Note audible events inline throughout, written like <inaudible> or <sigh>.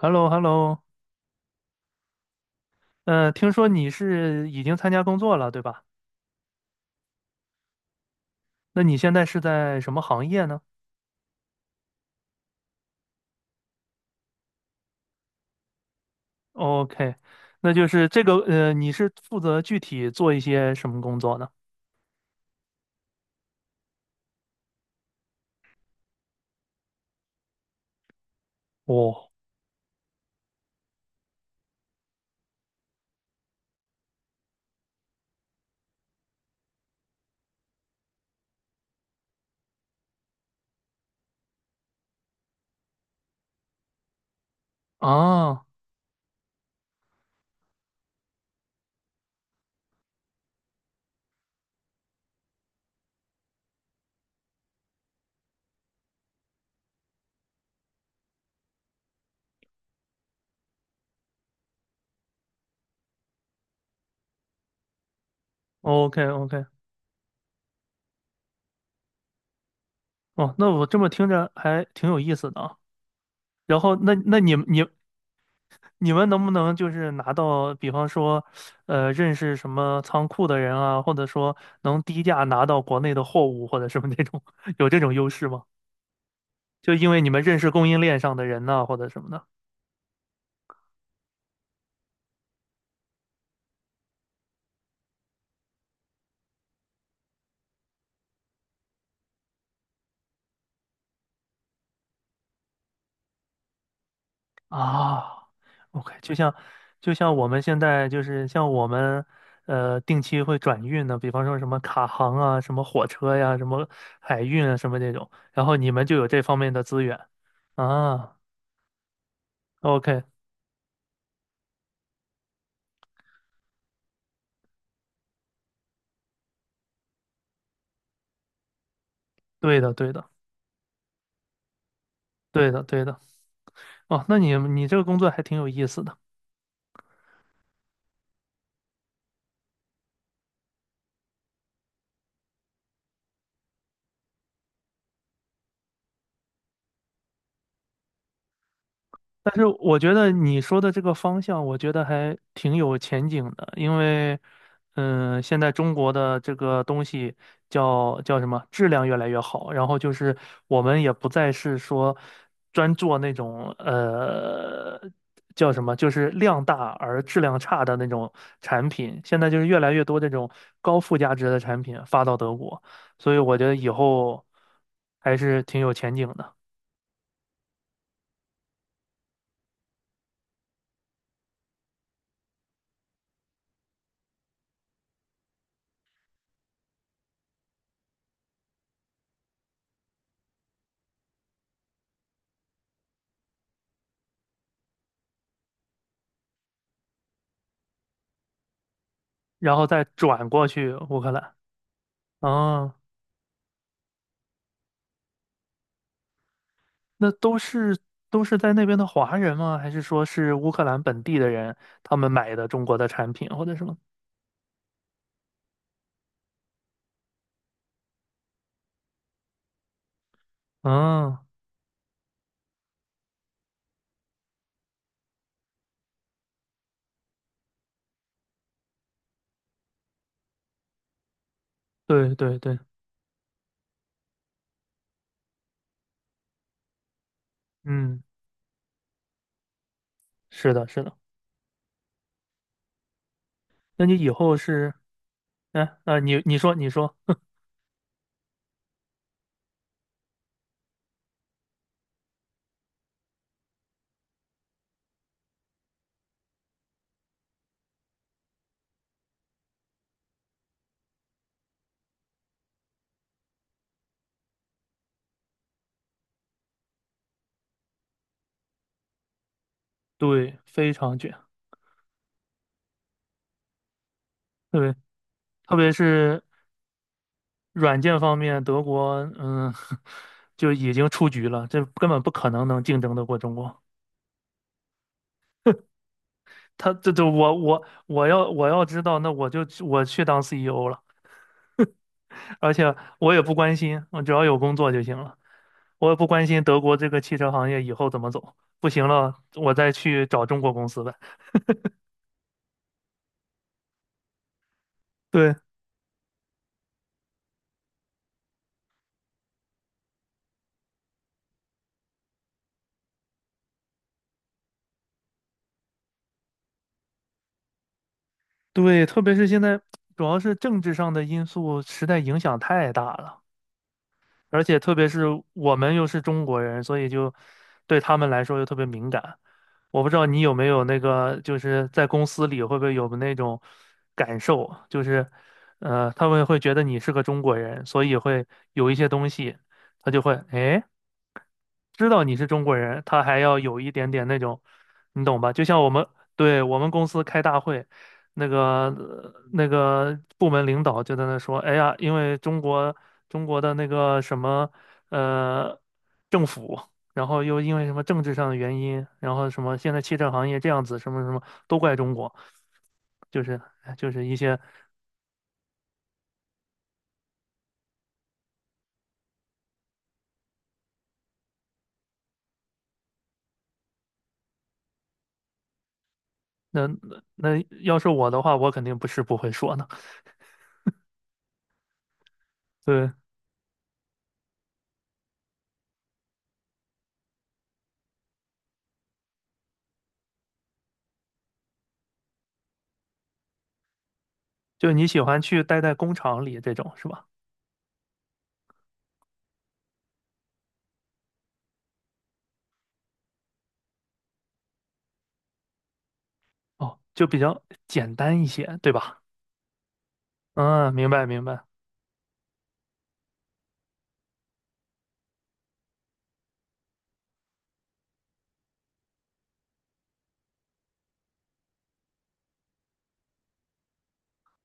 h e l l o h e l l o 听说你是已经参加工作了，对吧？那你现在是在什么行业呢？哦，OK，那就是这个，你是负责具体做一些什么工作呢？哦，啊，OK，OK，哦，那我这么听着还挺有意思的啊。然后，那你们能不能就是拿到，比方说，认识什么仓库的人啊，或者说能低价拿到国内的货物或者什么那种，<laughs> 有这种优势吗？就因为你们认识供应链上的人呐、或者什么的。啊，OK，就像我们现在就是像我们定期会转运的，比方说什么卡航啊、什么火车呀、什么海运啊、什么这种，然后你们就有这方面的资源。啊，OK,对的，对的，对的，对的，哦，那你这个工作还挺有意思的。但是我觉得你说的这个方向，我觉得还挺有前景的，因为，现在中国的这个东西叫什么，质量越来越好，然后就是我们也不再是说专做那种叫什么，就是量大而质量差的那种产品，现在就是越来越多这种高附加值的产品发到德国，所以我觉得以后还是挺有前景的，然后再转过去乌克兰。啊，那都是在那边的华人吗？还是说是乌克兰本地的人，他们买的中国的产品或者什么？啊，对对对，嗯，是的，是的。那你以后是，哎，啊，你说，对，非常卷，对，特别是软件方面，德国，<laughs> 就已经出局了，这根本不可能能竞争得过中国。他这我要知道，那我去当 CEO 了。而且我也不关心，我只要有工作就行了。我也不关心德国这个汽车行业以后怎么走，不行了，我再去找中国公司呗。对对，特别是现在，主要是政治上的因素实在影响太大了。而且特别是我们又是中国人，所以就对他们来说又特别敏感。我不知道你有没有那个，就是在公司里会不会有那种感受，就是他们会觉得你是个中国人，所以会有一些东西，他就会知道你是中国人，他还要有一点点那种，你懂吧？就像我们，对，我们公司开大会，那个那个部门领导就在那说，哎呀，因为中国的那个什么呃政府，然后又因为什么政治上的原因，然后什么现在汽车行业这样子，什么什么都怪中国，就是就是一些那那要是我的话，我肯定不是不会说的。对，就你喜欢去待在工厂里这种是吧？哦，就比较简单一些，对吧？嗯，明白明白。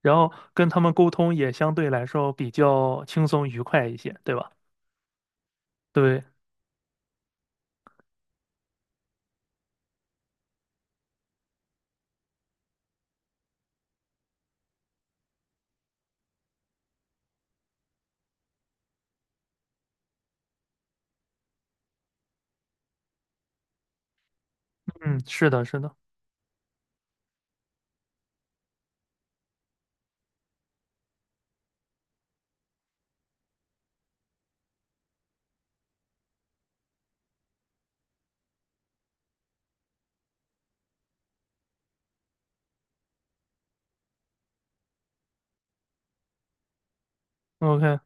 然后跟他们沟通也相对来说比较轻松愉快一些，对吧？对，嗯，是的，是的。OK,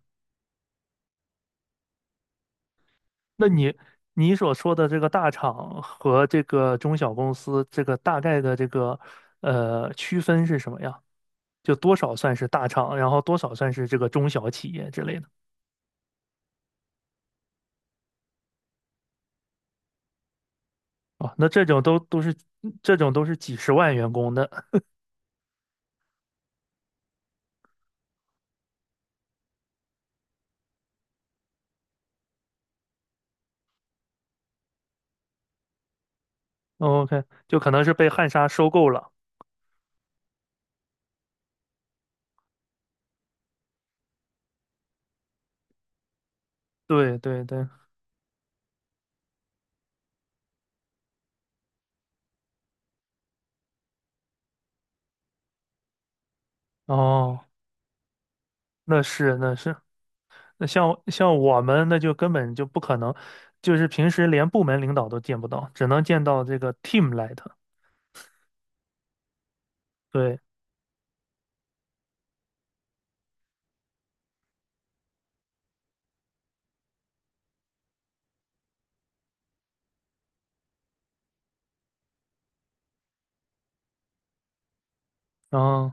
那你所说的这个大厂和这个中小公司，这个大概的这个区分是什么呀？就多少算是大厂，然后多少算是这个中小企业之类的。哦，那这种都是这种都是几十万员工的，OK,就可能是被汉莎收购了。对对对。哦，那是那是，那像我们那就根本就不可能，就是平时连部门领导都见不到，只能见到这个 team lead。对，嗯。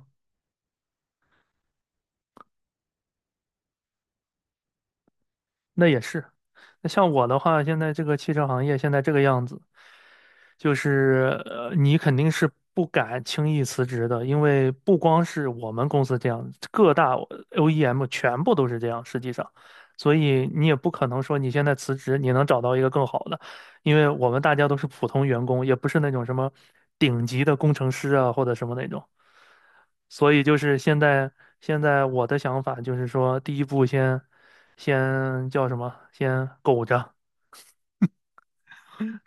那也是。那像我的话，现在这个汽车行业现在这个样子，就是你肯定是不敢轻易辞职的，因为不光是我们公司这样，各大 OEM 全部都是这样，实际上，所以你也不可能说你现在辞职，你能找到一个更好的，因为我们大家都是普通员工，也不是那种什么顶级的工程师啊或者什么那种。所以就是现在，现在我的想法就是说，第一步先，先叫什么？先苟着。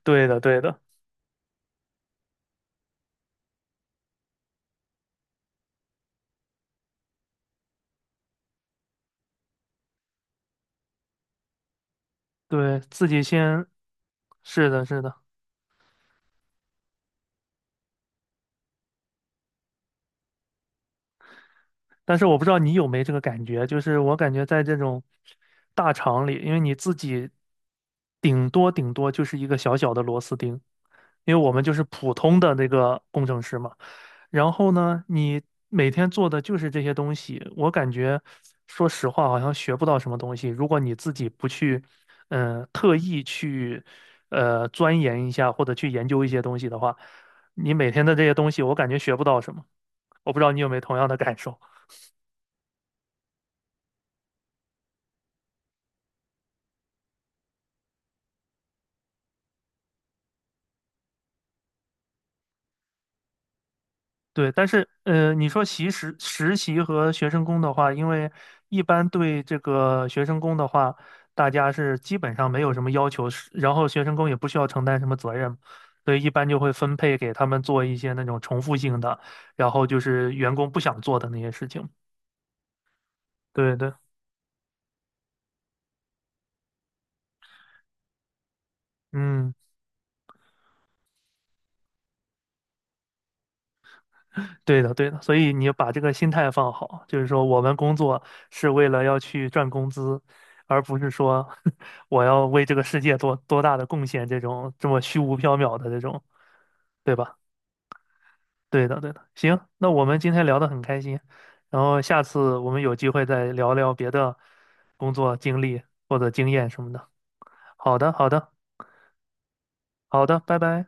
对的，对的，对自己先，是的，是的。但是我不知道你有没这个感觉，就是我感觉在这种大厂里，因为你自己顶多顶多就是一个小小的螺丝钉，因为我们就是普通的那个工程师嘛。然后呢，你每天做的就是这些东西，我感觉说实话好像学不到什么东西。如果你自己不去，特意去钻研一下或者去研究一些东西的话，你每天的这些东西，我感觉学不到什么。我不知道你有没有同样的感受。对，但是你说实习和学生工的话，因为一般对这个学生工的话，大家是基本上没有什么要求，是然后学生工也不需要承担什么责任，所以一般就会分配给他们做一些那种重复性的，然后就是员工不想做的那些事情。对对，嗯。对的，对的，所以你要把这个心态放好，就是说我们工作是为了要去赚工资，而不是说 <laughs> 我要为这个世界做多大的贡献这种这么虚无缥缈的这种，对吧？对的，对的。行，那我们今天聊得很开心，然后下次我们有机会再聊聊别的工作经历或者经验什么的。好的，好的，好的，拜拜。